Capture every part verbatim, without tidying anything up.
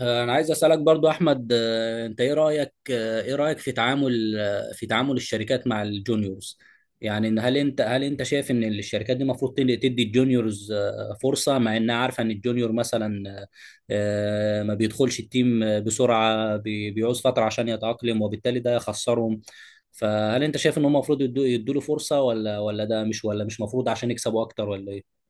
آه، انا عايز اسالك برضو احمد، آه، انت ايه رايك؟ آه، ايه رايك في تعامل آه، في تعامل الشركات مع الجونيورز؟ يعني إن هل انت هل انت شايف ان الشركات دي المفروض تدي تدي الجونيورز آه، فرصه مع انها عارفه ان الجونيور مثلا آه، آه، ما بيدخلش التيم آه، بسرعه، بي- بيعوز فتره عشان يتاقلم، وبالتالي ده يخسرهم. فهل انت شايف ان هم المفروض يدوا يدوا له فرصه ولا ولا ده مش ولا مش مفروض عشان يكسبوا اكتر ولا ايه؟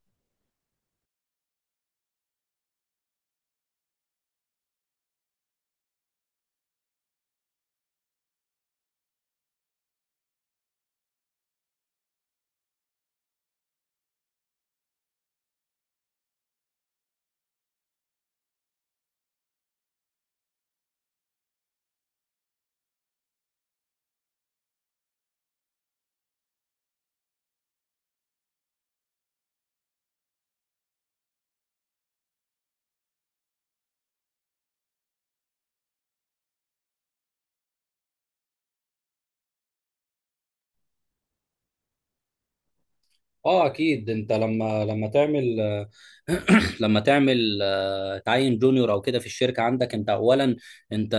اه اكيد، انت لما لما تعمل لما تعمل تعين جونيور او كده في الشركه عندك، انت اولا انت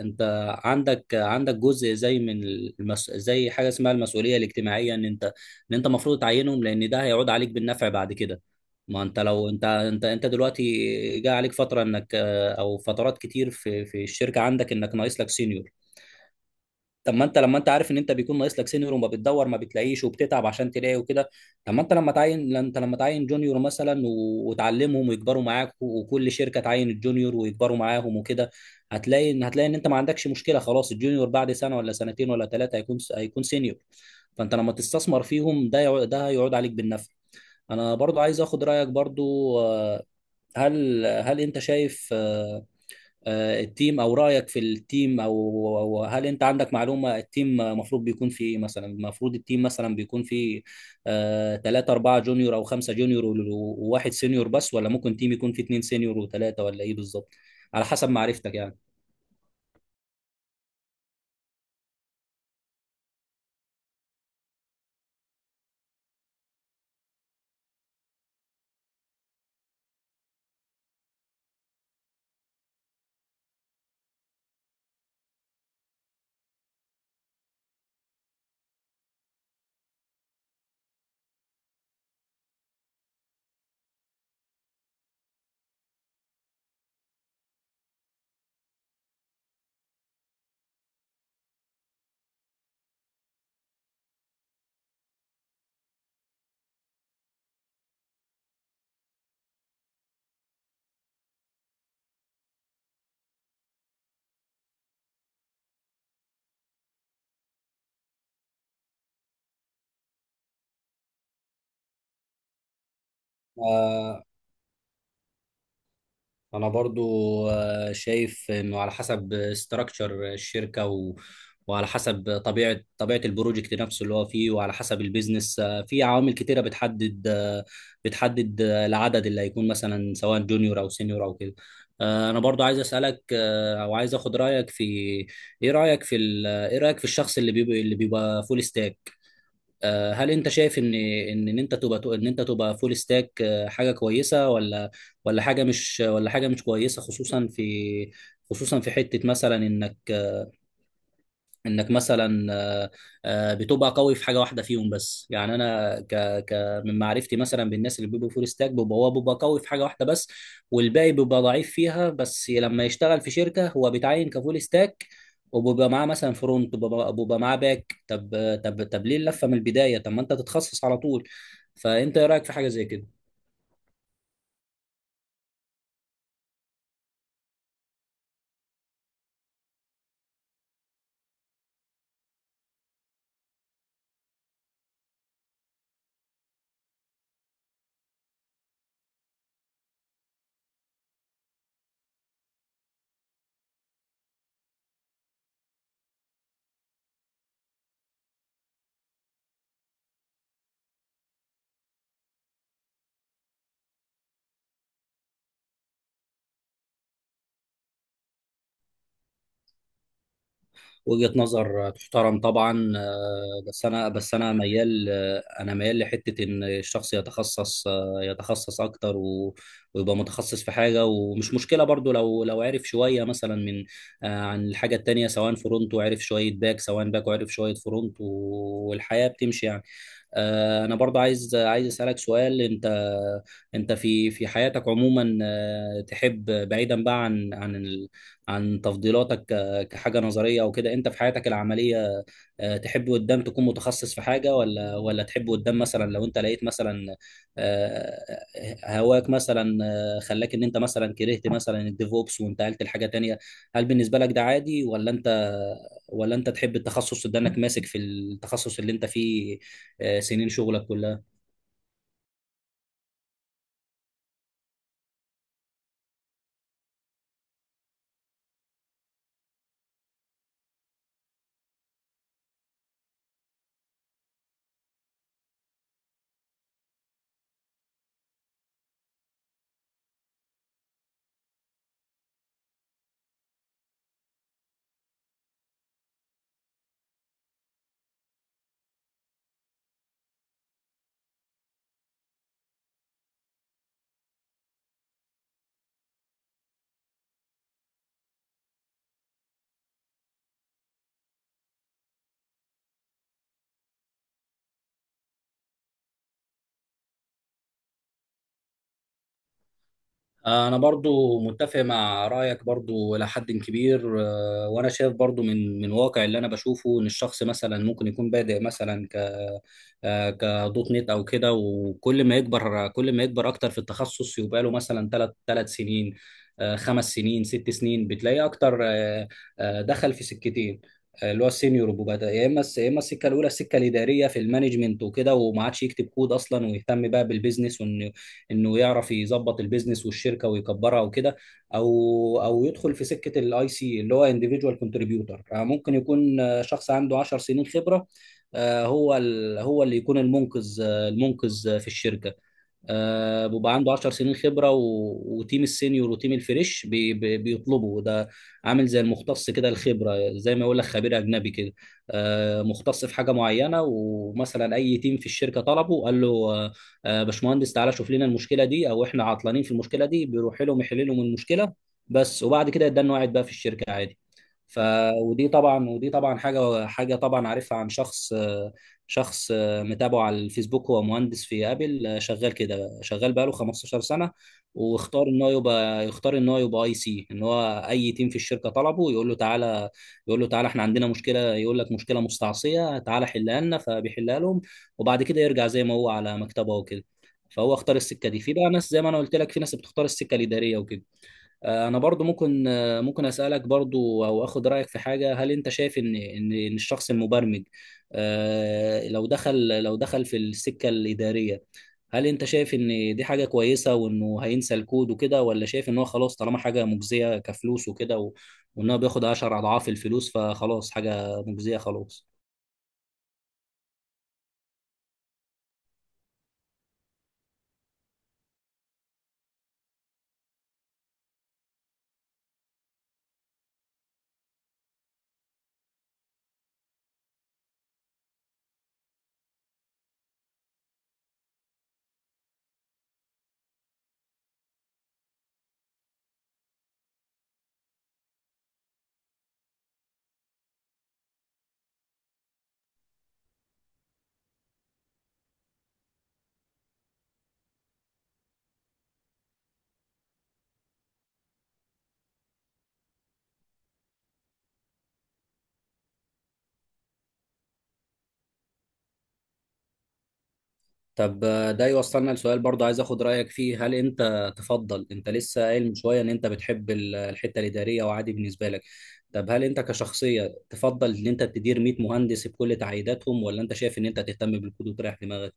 انت عندك عندك جزء زي من المس... زي حاجه اسمها المسؤوليه الاجتماعيه، ان انت ان انت المفروض تعينهم لان ده هيعود عليك بالنفع بعد كده. ما انت لو انت انت انت دلوقتي جاء عليك فتره انك، او فترات كتير في في الشركه عندك انك ناقص لك سينيور. طب ما انت لما انت عارف ان انت بيكون ناقص لك سينيور، وما بتدور ما بتلاقيش وبتتعب عشان تلاقي وكده، طب ما انت لما تعين لا انت لما تعين جونيور مثلا و- وتعلمهم ويكبروا معاك، و- وكل شركه تعين الجونيور ويكبروا معاهم وكده، هتلاقي ان هتلاقي ان انت ما عندكش مشكله. خلاص الجونيور بعد سنه ولا سنتين ولا ثلاثه هيكون هيكون سينيور. فانت لما تستثمر فيهم، ده يع- ده هيعود عليك بالنفع. انا برضو عايز اخد رايك برضو، آه، هل هل انت شايف آه، آه، التيم او رايك في التيم، او أو هل انت عندك معلومه التيم المفروض بيكون فيه ايه؟ مثلا المفروض التيم مثلا بيكون فيه ثلاثة أربعة جونيور أو خمسة جونيور و- وواحد سينيور بس، ولا ممكن تيم يكون فيه اتنين سينيور وثلاثة، ولا ايه بالظبط على حسب معرفتك يعني؟ آه، انا برضو آه، شايف انه على حسب استراكشر الشركه و... وعلى حسب طبيعه طبيعه البروجكت نفسه اللي هو فيه، وعلى حسب البيزنس. آه، في عوامل كتيره بتحدد آه، بتحدد آه، العدد اللي هيكون مثلا، سواء جونيور او سينيور او كده. آه، انا برضو عايز اسالك آه، او عايز اخد رايك في، ايه رايك في ال... آه، ايه رايك في الشخص اللي بيبقى اللي بيبقى فول ستاك؟ آه، هل انت شايف ان ان إن انت تبقى ان انت تبقى فول ستاك آه، حاجه كويسه، ولا ولا حاجه مش ولا حاجه مش كويسه، خصوصا في خصوصا في حته مثلا انك انك مثلا آه، آه، بتبقى قوي في حاجه واحده فيهم بس؟ يعني انا ك ك من معرفتي مثلا بالناس اللي بيبقوا فول ستاك، بيبقى هو بيبقى قوي في حاجه واحده بس، والباقي بيبقى ضعيف فيها. بس لما يشتغل في شركه هو بيتعين كفول ستاك، وبيبقى معاه مثلا فرونت وبيبقى وبيبقى معاه باك. طب طب طب ليه اللفه من البدايه؟ طب ما انت تتخصص على طول. فانت ايه رايك في حاجه زي كده؟ وجهة نظر تحترم طبعا. آه، بس انا بس انا ميال، آه، انا ميال لحتة ان الشخص يتخصص، آه، يتخصص اكتر و- ويبقى متخصص في حاجة. ومش مشكلة برضو لو لو عرف شوية مثلا من آه، عن الحاجة التانية، سواء فرونت وعرف شوية باك، سواء باك وعرف شوية فرونت، و- والحياة بتمشي يعني. آه، انا برضو عايز عايز اسالك سؤال. انت انت في في حياتك عموما، آه، تحب بعيدا بقى عن عن ال- عن تفضيلاتك آه، كحاجه نظريه او كده، انت في حياتك العمليه آه، تحب قدام تكون متخصص في حاجه، ولا ولا تحب قدام مثلا لو انت لقيت مثلا آه، هواك مثلا آه، خلاك ان انت مثلا كرهت مثلا الديفوبس وانتقلت لحاجه تانية؟ هل بالنسبه لك ده عادي، ولا انت ولا انت تحب التخصص، ده انك ماسك في التخصص اللي انت فيه آه، سنين شغلك كلها؟ انا برضو متفق مع رايك برضو الى حد كبير. آه، وانا شايف برضو من من واقع اللي انا بشوفه ان الشخص مثلا ممكن يكون بادئ مثلا ك آه، كدوت نت او كده، وكل ما يكبر كل ما يكبر اكتر في التخصص، يبقى له مثلا ثلاث ثلاث سنين آه، خمس سنين ست سنين، بتلاقيه اكتر آه، آه، دخل في سكتين. آه، اللي هو السينيور، وبدا يا اما الس- يا اما السكه الاولى السكه الاداريه في المانجمنت وكده، وما عادش يكتب كود اصلا، ويهتم بقى بالبيزنس انه يعرف يظبط البيزنس والشركه ويكبرها وكده، او او يدخل في سكه الاي سي اللي هو انديفيدوال كونتريبيوتور. ممكن يكون آه، شخص عنده عشر سنين خبره، آه، هو ال- هو اللي يكون المنقذ، آه، المنقذ آه، في الشركه. آه، بيبقى عنده عشر سنين خبره و... وتيم السينيور وتيم الفريش بي... بي... بيطلبه ده. عامل زي المختص كده، الخبره زي ما يقول لك خبير اجنبي كده، آه، مختص في حاجه معينه. ومثلا اي تيم في الشركه طلبه قال له آه، آه، باشمهندس تعالى شوف لنا المشكله دي، او احنا عطلانين في المشكله دي، بيروح لهم يحل لهم المشكله بس، وبعد كده يدان قاعد بقى في الشركه عادي. ف ودي طبعا ودي طبعا حاجه حاجه طبعا عارفها عن شخص آه، شخص آه، متابعه على الفيسبوك. هو مهندس في ابل آه، شغال كده، شغال بقاله خمسة عشر سنه، واختار ان هو يبقى يختار ان هو يبقى اي سي. ان هو اي تيم في الشركه طلبه يقول له تعالى، يقول له تعالى احنا عندنا مشكله، يقول لك مشكله مستعصيه تعالى حلها لنا، فبيحلها لهم، وبعد كده يرجع زي ما هو على مكتبه وكده. فهو اختار السكه دي. في بقى ناس زي ما انا قلت لك، في ناس بتختار السكه الاداريه وكده. آه، انا برضو ممكن آه، ممكن اسالك برضو او اخد رايك في حاجه. هل انت شايف ان ان إن الشخص المبرمج آه، لو دخل لو دخل في السكه الاداريه، هل انت شايف ان دي حاجه كويسه وانه هينسى الكود وكده، ولا شايف ان هو خلاص طالما حاجه مجزيه كفلوس وكده و- وان هو بياخد عشر اضعاف الفلوس، فخلاص حاجه مجزيه خلاص؟ طب آه، ده يوصلنا لسؤال برضه عايز اخد رايك فيه. هل انت تفضل، انت لسه قايل من شويه ان انت بتحب ال- الحته الاداريه وعادي بالنسبه لك، طب هل انت كشخصيه تفضل ان انت تدير مئة مهندس بكل تعقيداتهم، ولا انت شايف ان انت تهتم بالكود وتريح دماغك؟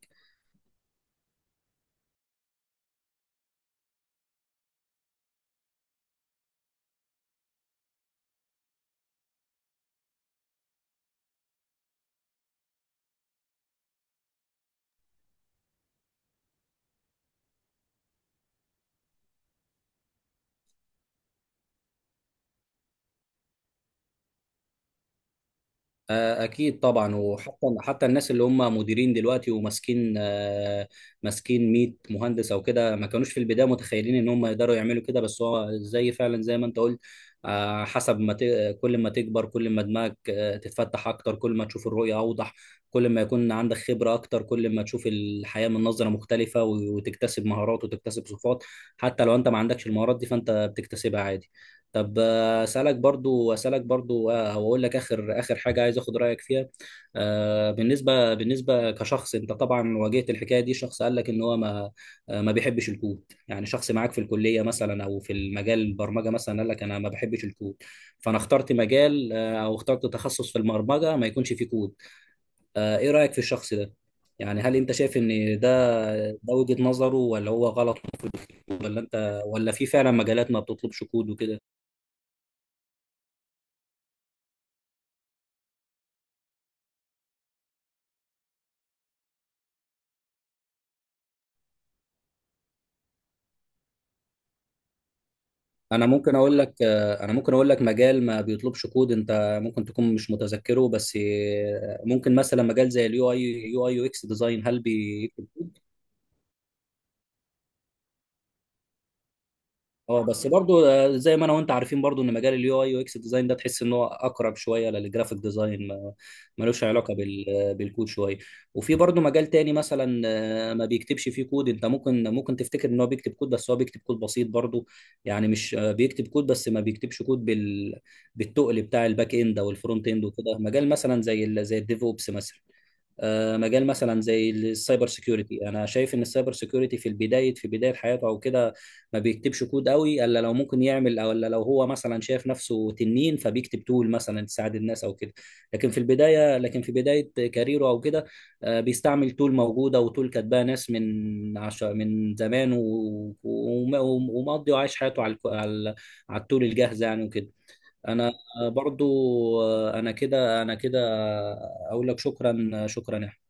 آه، أكيد طبعا. وحتى حتى الناس اللي هم مديرين دلوقتي وماسكين آه، ماسكين مية مهندس أو كده، ما كانوش في البداية متخيلين إن هم يقدروا يعملوا كده، بس هو زي فعلا زي ما أنت قلت آه، حسب ما ت... كل ما تكبر، كل ما دماغك آه، تتفتح أكتر، كل ما تشوف الرؤية أوضح، كل ما يكون عندك خبرة أكتر، كل ما تشوف الحياة من نظرة مختلفة، و- وتكتسب مهارات وتكتسب صفات. حتى لو أنت ما عندكش المهارات دي، فأنت بتكتسبها عادي. طب آه، اسالك برضو اسالك برضو آه، او اقول لك اخر اخر حاجه عايز اخد رايك فيها. آه، بالنسبه بالنسبه كشخص انت طبعا واجهت الحكايه دي، شخص قال لك ان هو ما آه، ما بيحبش الكود. يعني شخص معاك في الكليه مثلا او في المجال البرمجه مثلا قال لك انا ما بحبش الكود، فانا اخترت مجال آه، او اخترت تخصص في البرمجه ما يكونش فيه كود. آه، ايه رايك في الشخص ده؟ يعني هل انت شايف ان ده ده وجهة نظره، ولا هو غلط، ولا انت ولا في فعلا مجالات ما بتطلبش كود وكده؟ انا ممكن اقول لك، انا ممكن اقول لك مجال ما بيطلبش كود انت ممكن تكون مش متذكره بس، ممكن مثلا مجال زي اليو اي يو اي يو اكس ديزاين، هل اه؟ بس برضو آه، زي ما انا وانت عارفين برضو ان مجال اليو اي يو اكس ديزاين ده، تحس ان هو اقرب شويه للجرافيك ديزاين، ما- ملوش علاقه بال بالكود شويه. وفي برضو مجال تاني مثلا آه، ما بيكتبش فيه كود، انت ممكن ممكن تفتكر ان هو بيكتب كود، بس هو بيكتب كود بسيط برضو. يعني مش آه، بيكتب كود، بس ما بيكتبش كود بال بالتقل بتاع الباك اند او الفرونت اند وكده، مجال مثلا زي ال... زي الديف اوبس مثلا. آه، مجال مثلا زي السايبر سيكيورتي، انا شايف ان السايبر سيكيورتي في البدايه في بدايه حياته او كده ما بيكتبش كود قوي، الا لو ممكن يعمل، او الا لو هو مثلا شايف نفسه تنين فبيكتب تول مثلا تساعد الناس او كده. لكن في البدايه لكن في بدايه كاريره او كده، آه، بيستعمل تول موجوده وتول كاتباها ناس من عش... من زمان و- وم- ومقضي وعايش حياته على الك- على على التول الجاهزه يعني وكده. انا برضو آه، انا كده انا كده اقول لك شكرا شكرا.